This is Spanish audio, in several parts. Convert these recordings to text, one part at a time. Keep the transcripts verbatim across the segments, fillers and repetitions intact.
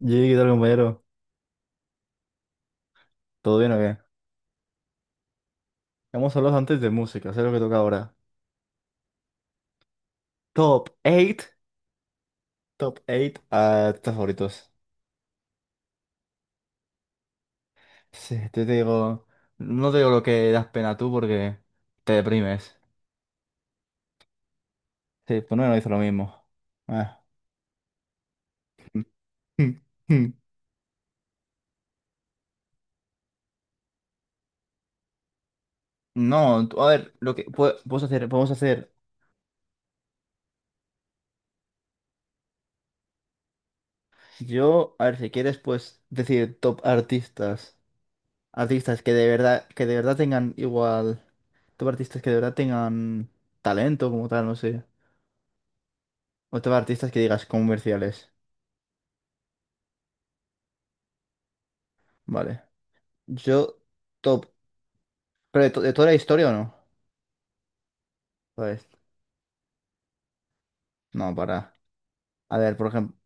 Yey, ¿qué tal, compañero? ¿Todo bien o qué? Hemos hablado antes de música, sé lo que toca ahora. Top ocho, top ocho artistas favoritos. Sí, te digo, no te digo lo que das pena tú porque te deprimes. Sí, pues no, no hizo lo mismo. Ah. No, tú- a ver, lo que pue- podemos hacer, podemos hacer. Yo, a ver, si quieres, pues decir top artistas. Artistas que de verdad, que de verdad tengan igual. Top artistas que de verdad tengan talento como tal, no sé. O top artistas que digas comerciales. Vale. Yo, top. ¿Pero de, to- de toda la historia o no? Pues, no, para. A ver, por ejemplo,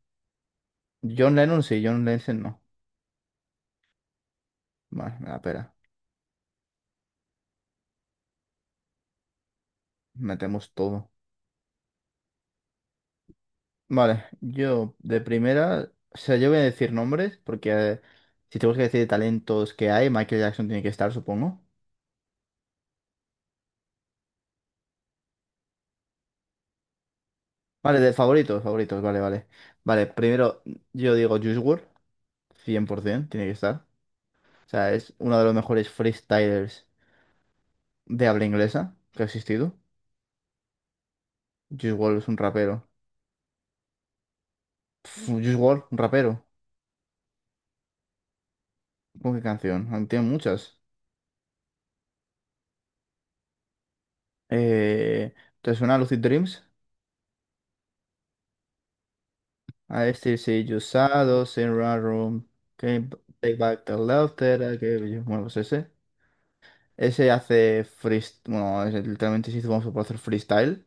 John Lennon sí, John Lennon no. Vale, me da pena. Metemos todo. Vale, yo de primera. O sea, yo voy a decir nombres porque eh, si tenemos que decir talentos que hay, Michael Jackson tiene que estar, supongo. Vale, de favoritos, favoritos, vale, vale. Vale, primero yo digo Juice world, cien por cien por ciento, tiene que estar. O sea, es uno de los mejores freestylers de habla inglesa que ha existido. Juice world es un rapero. Pff, Juice world, un rapero. ¿Con qué canción? Ah, tiene muchas. Eh, ¿te suena Lucid Dreams? I still see you shadows in my room. Can't b- take back the love that I gave you. Bueno, pues ese. Ese hace freestyle. Bueno, es- literalmente se hizo famoso por hacer freestyle,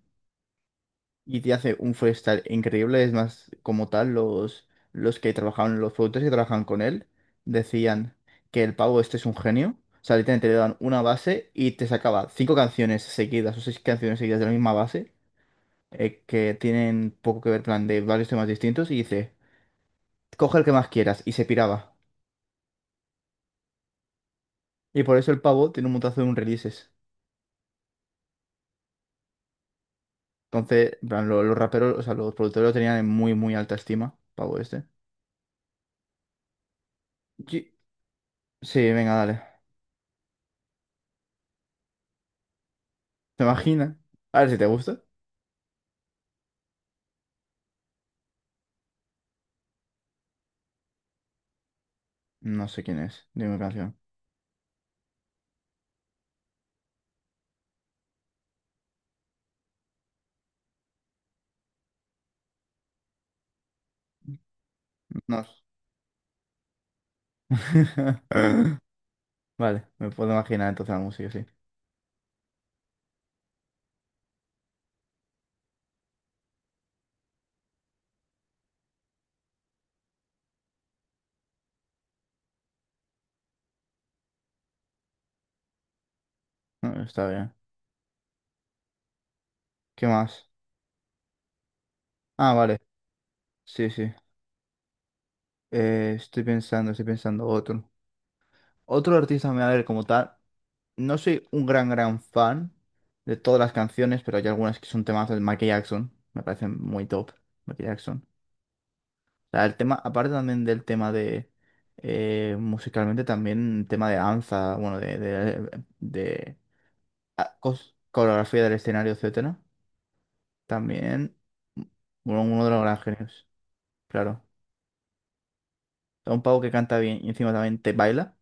y te hace un freestyle increíble. Es más, como tal, los, los que trabajaban, los productores que trabajan con él, decían que el pavo este es un genio. O sea, literalmente le dan una base y te sacaba cinco canciones seguidas o seis canciones seguidas de la misma base, eh, que tienen poco que ver, plan, de varios temas distintos, y dice, coge el que más quieras, y se piraba. Y por eso el pavo tiene un montazo de un releases. Entonces, en plan, lo- los raperos, o sea, los productores lo tenían en muy, muy alta estima, pavo este. Yo- sí, venga, dale. ¿Te imaginas? A ver si te gusta. No sé quién es. Dime canción. No. Vale, me puedo imaginar entonces la música, sí. No, está bien. ¿Qué más? Ah, vale. Sí, sí. Eh, estoy pensando, estoy pensando otro. Otro artista, a ver, como tal. No soy un gran, gran fan de todas las canciones, pero hay algunas que son temas del Michael Jackson. Me parecen muy top, Michael Jackson. O sea, el tema, aparte también del tema de… eh, musicalmente también el tema de danza, bueno, de, de, de Ah, cos- coreografía del escenario, etcétera. También uno, uno de los grandes genios, claro. Es un pavo que canta bien y encima también te baila.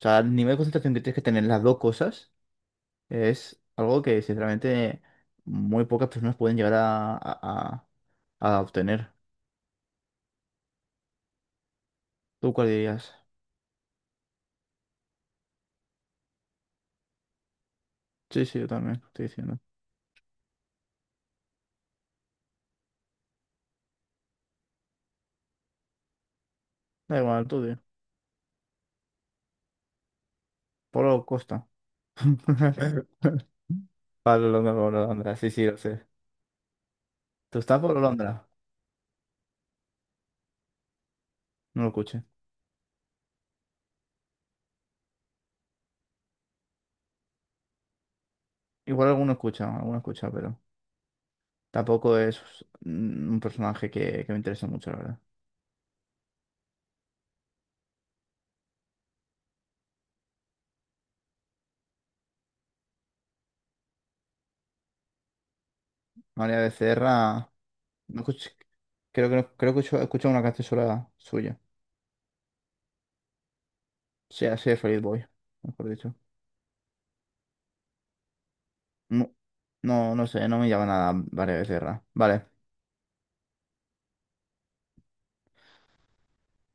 O sea, el nivel de concentración que tienes que tener en las dos cosas es algo que sinceramente muy pocas personas pueden llegar a, a- a- a obtener. ¿Tú cuál dirías? Sí, sí, yo también estoy diciendo. Da igual, tú, tío. Pablo Costa. Pablo Londra, Pablo Londra. Sí, sí, lo sé. ¿Tú estás Pablo Londra? No lo escuché. Igual alguno escucha, alguno escucha, pero… tampoco es mm, un personaje que, que me interesa mucho, la verdad. María Becerra, no escuch- creo que no- creo que he escuchado he escuchado una canción sola suya. Sí, así de Feliz Boy, mejor dicho. No, no, no sé, no me llama nada María Becerra. Vale,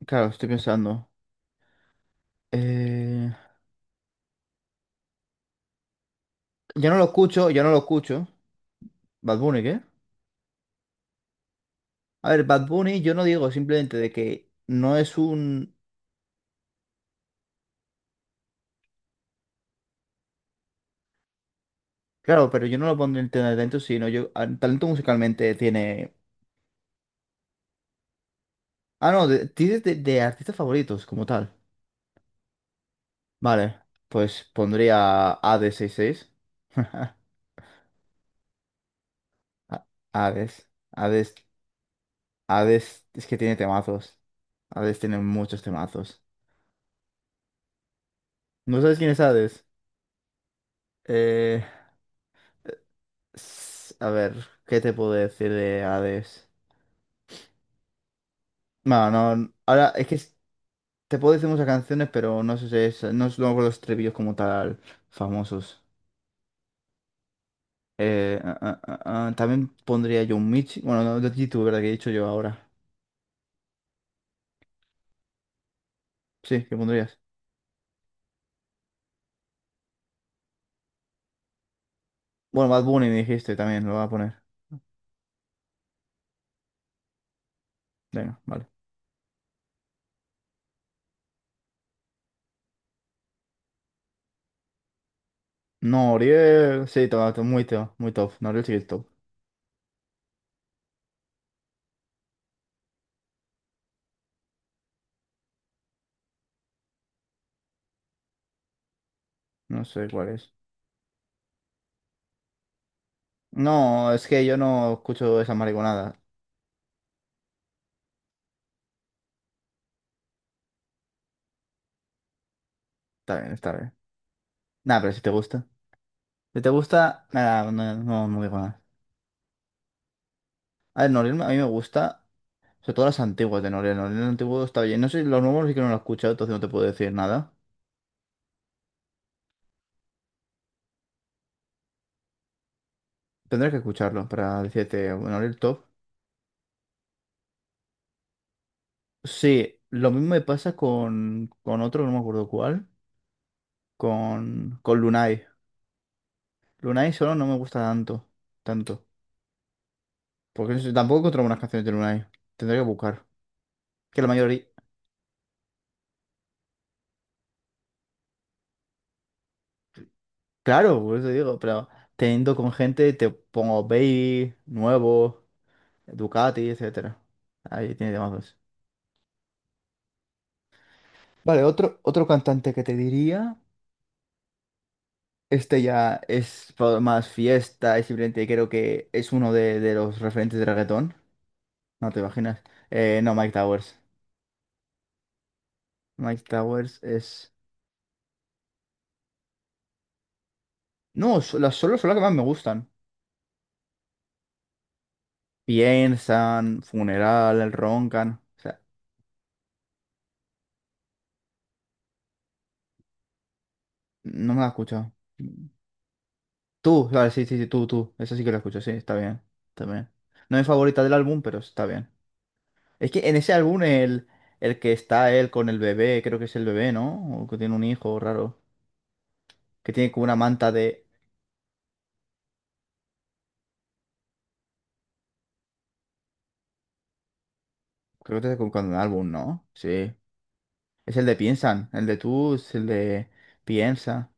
claro, estoy pensando. Eh, Yo no lo escucho, yo no lo escucho. Bad Bunny, ¿qué? A ver, Bad Bunny yo no digo simplemente de que no es un… claro, pero yo no lo pondré en tema de talento, sino yo… a- talento musicalmente tiene Ah, no, de- tienes de, de artistas favoritos como tal. Vale, pues pondría A D sesenta y seis. A- Hades, Hades, Hades es que tiene temazos. Hades tiene muchos temazos. ¿No sabes quién es Hades? Eh, s- a ver, ¿qué te puedo decir de Hades? Bueno, no, n- ahora es que s- te puedo decir muchas canciones, pero no sé si es, no es luego los estribillos como tal famosos. Eh, ah, ah, ah, ah, también pondría yo un Michi. Bueno, no, de YouTube, ¿verdad? Que he dicho yo ahora. Sí, ¿qué pondrías? Bueno, Bad Bunny me dijiste también, lo voy a poner. Venga, vale. Noriel, sí, to- to- muy top, muy top. Noriel sí que es top. No sé cuál es. No, es que yo no escucho esa mariconada. Está bien, está bien. Nada, pero si te gusta. Si te gusta, nada, no, no, no digo nada. A ver, Noriel a mí me gusta, sobre todo las antiguas de Noriel. Noriel antiguo está bien. No sé, los nuevos sí que no lo he escuchado, entonces no te puedo decir nada. Tendré que escucharlo para decirte, bueno, el top. Sí, lo mismo me pasa con, con otro, no me acuerdo cuál, con, con Lunay. Lunay solo no me gusta tanto, tanto. Porque no sé, tampoco encontré buenas canciones de Lunay. Tendré que buscar. Que la mayoría… claro, por eso digo, pero teniendo con gente te pongo Baby, Nuevo, Ducati, etcétera. Ahí tiene temas. Vale, otro, otro cantante que te diría, este ya es fa- más fiesta, y simplemente creo que es uno de, de los referentes de reggaetón. No te imaginas. Eh, no, Mike Towers. Mike Towers es. No, so- las solos son las que más me gustan. Piensan, Funeral, Roncan. O sea, no me la he escuchado. Tú, vale, sí, sí, sí, tú, tú. Esa sí que la escucho, sí, está bien. Está bien. No es mi favorita del álbum, pero está bien. Es que en ese álbum el, el que está él con el bebé, creo que es el bebé, ¿no? O que tiene un hijo raro. Que tiene como una manta de. Creo que es con con el álbum, ¿no? Sí. Es el de Piensan. El de tú es el de Piensa.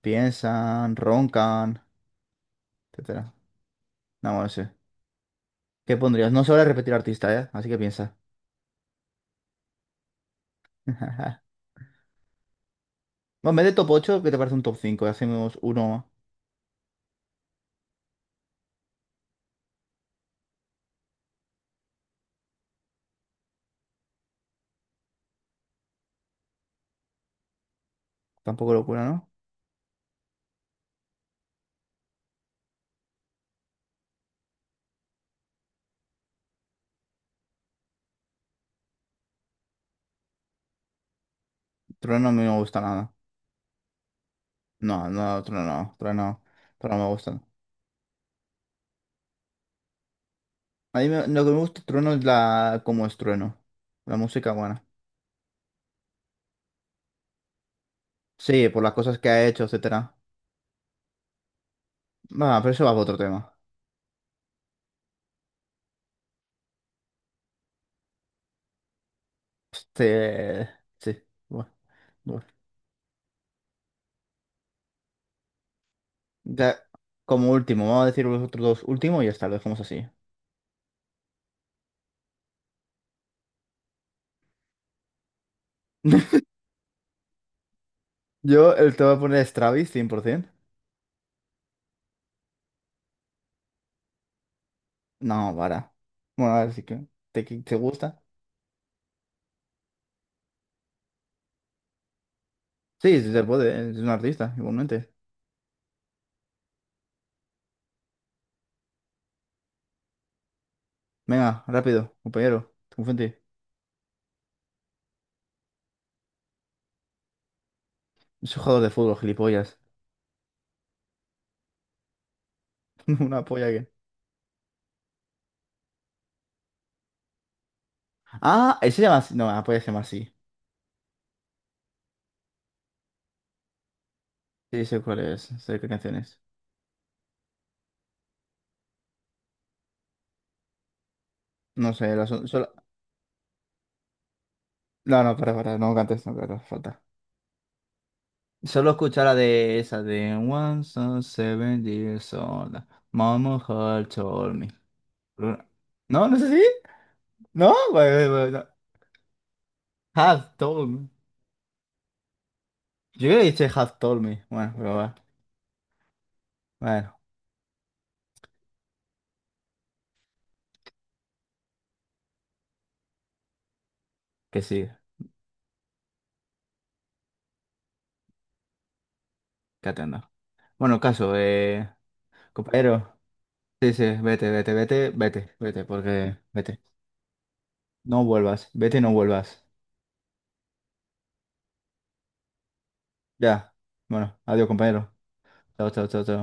Piensan, roncan, etcétera. No, bueno, sí. ¿Qué pondrías? No se vale repetir artista, ¿eh? Así que piensa. Bueno, en vez de top ocho ¿qué te parece un top cinco? Hacemos uno. Tampoco locura, ¿no? Trueno a mí no me gusta nada. No, no, Trueno no. Trueno, Trueno no me gusta. A mí me- lo que me gusta de Trueno es la… cómo es Trueno. La música buena. Sí, por las cosas que ha hecho, etcétera. Va, pero eso va para otro tema. Este… sí. Bueno, bueno. Ya, como último, vamos a decir los otros dos últimos y ya está, lo dejamos así. Yo el te voy a poner Stravis cien por cien por ciento. No, para. Bueno, a ver si que te, que te gusta. Sí, sí se puede, es un artista, igualmente. Venga, rápido, compañero. Confente. Es un jugador de fútbol, gilipollas. Una polla que. Ah, ese se llama así. No, la polla se llama así. Sí, sé cuál es, sé qué canción es. No sé, la sol- solo- no, no, para, para, no cantes, no cantes, falta. Solo escuchar la de esa de One son seven years old. Mama had told me. No, no sé si. ¿No? Vale, vale, vale, no. Have told me. Yo creo que dice have told me. Bueno, pero va. Bueno, que sí, que atenda. Bueno, caso, eh, compañero. Sí, sí, vete, vete, vete, vete, vete, porque vete. No vuelvas, vete y no vuelvas. Ya. Bueno, adiós, compañero. Chao, chao, chao, chao.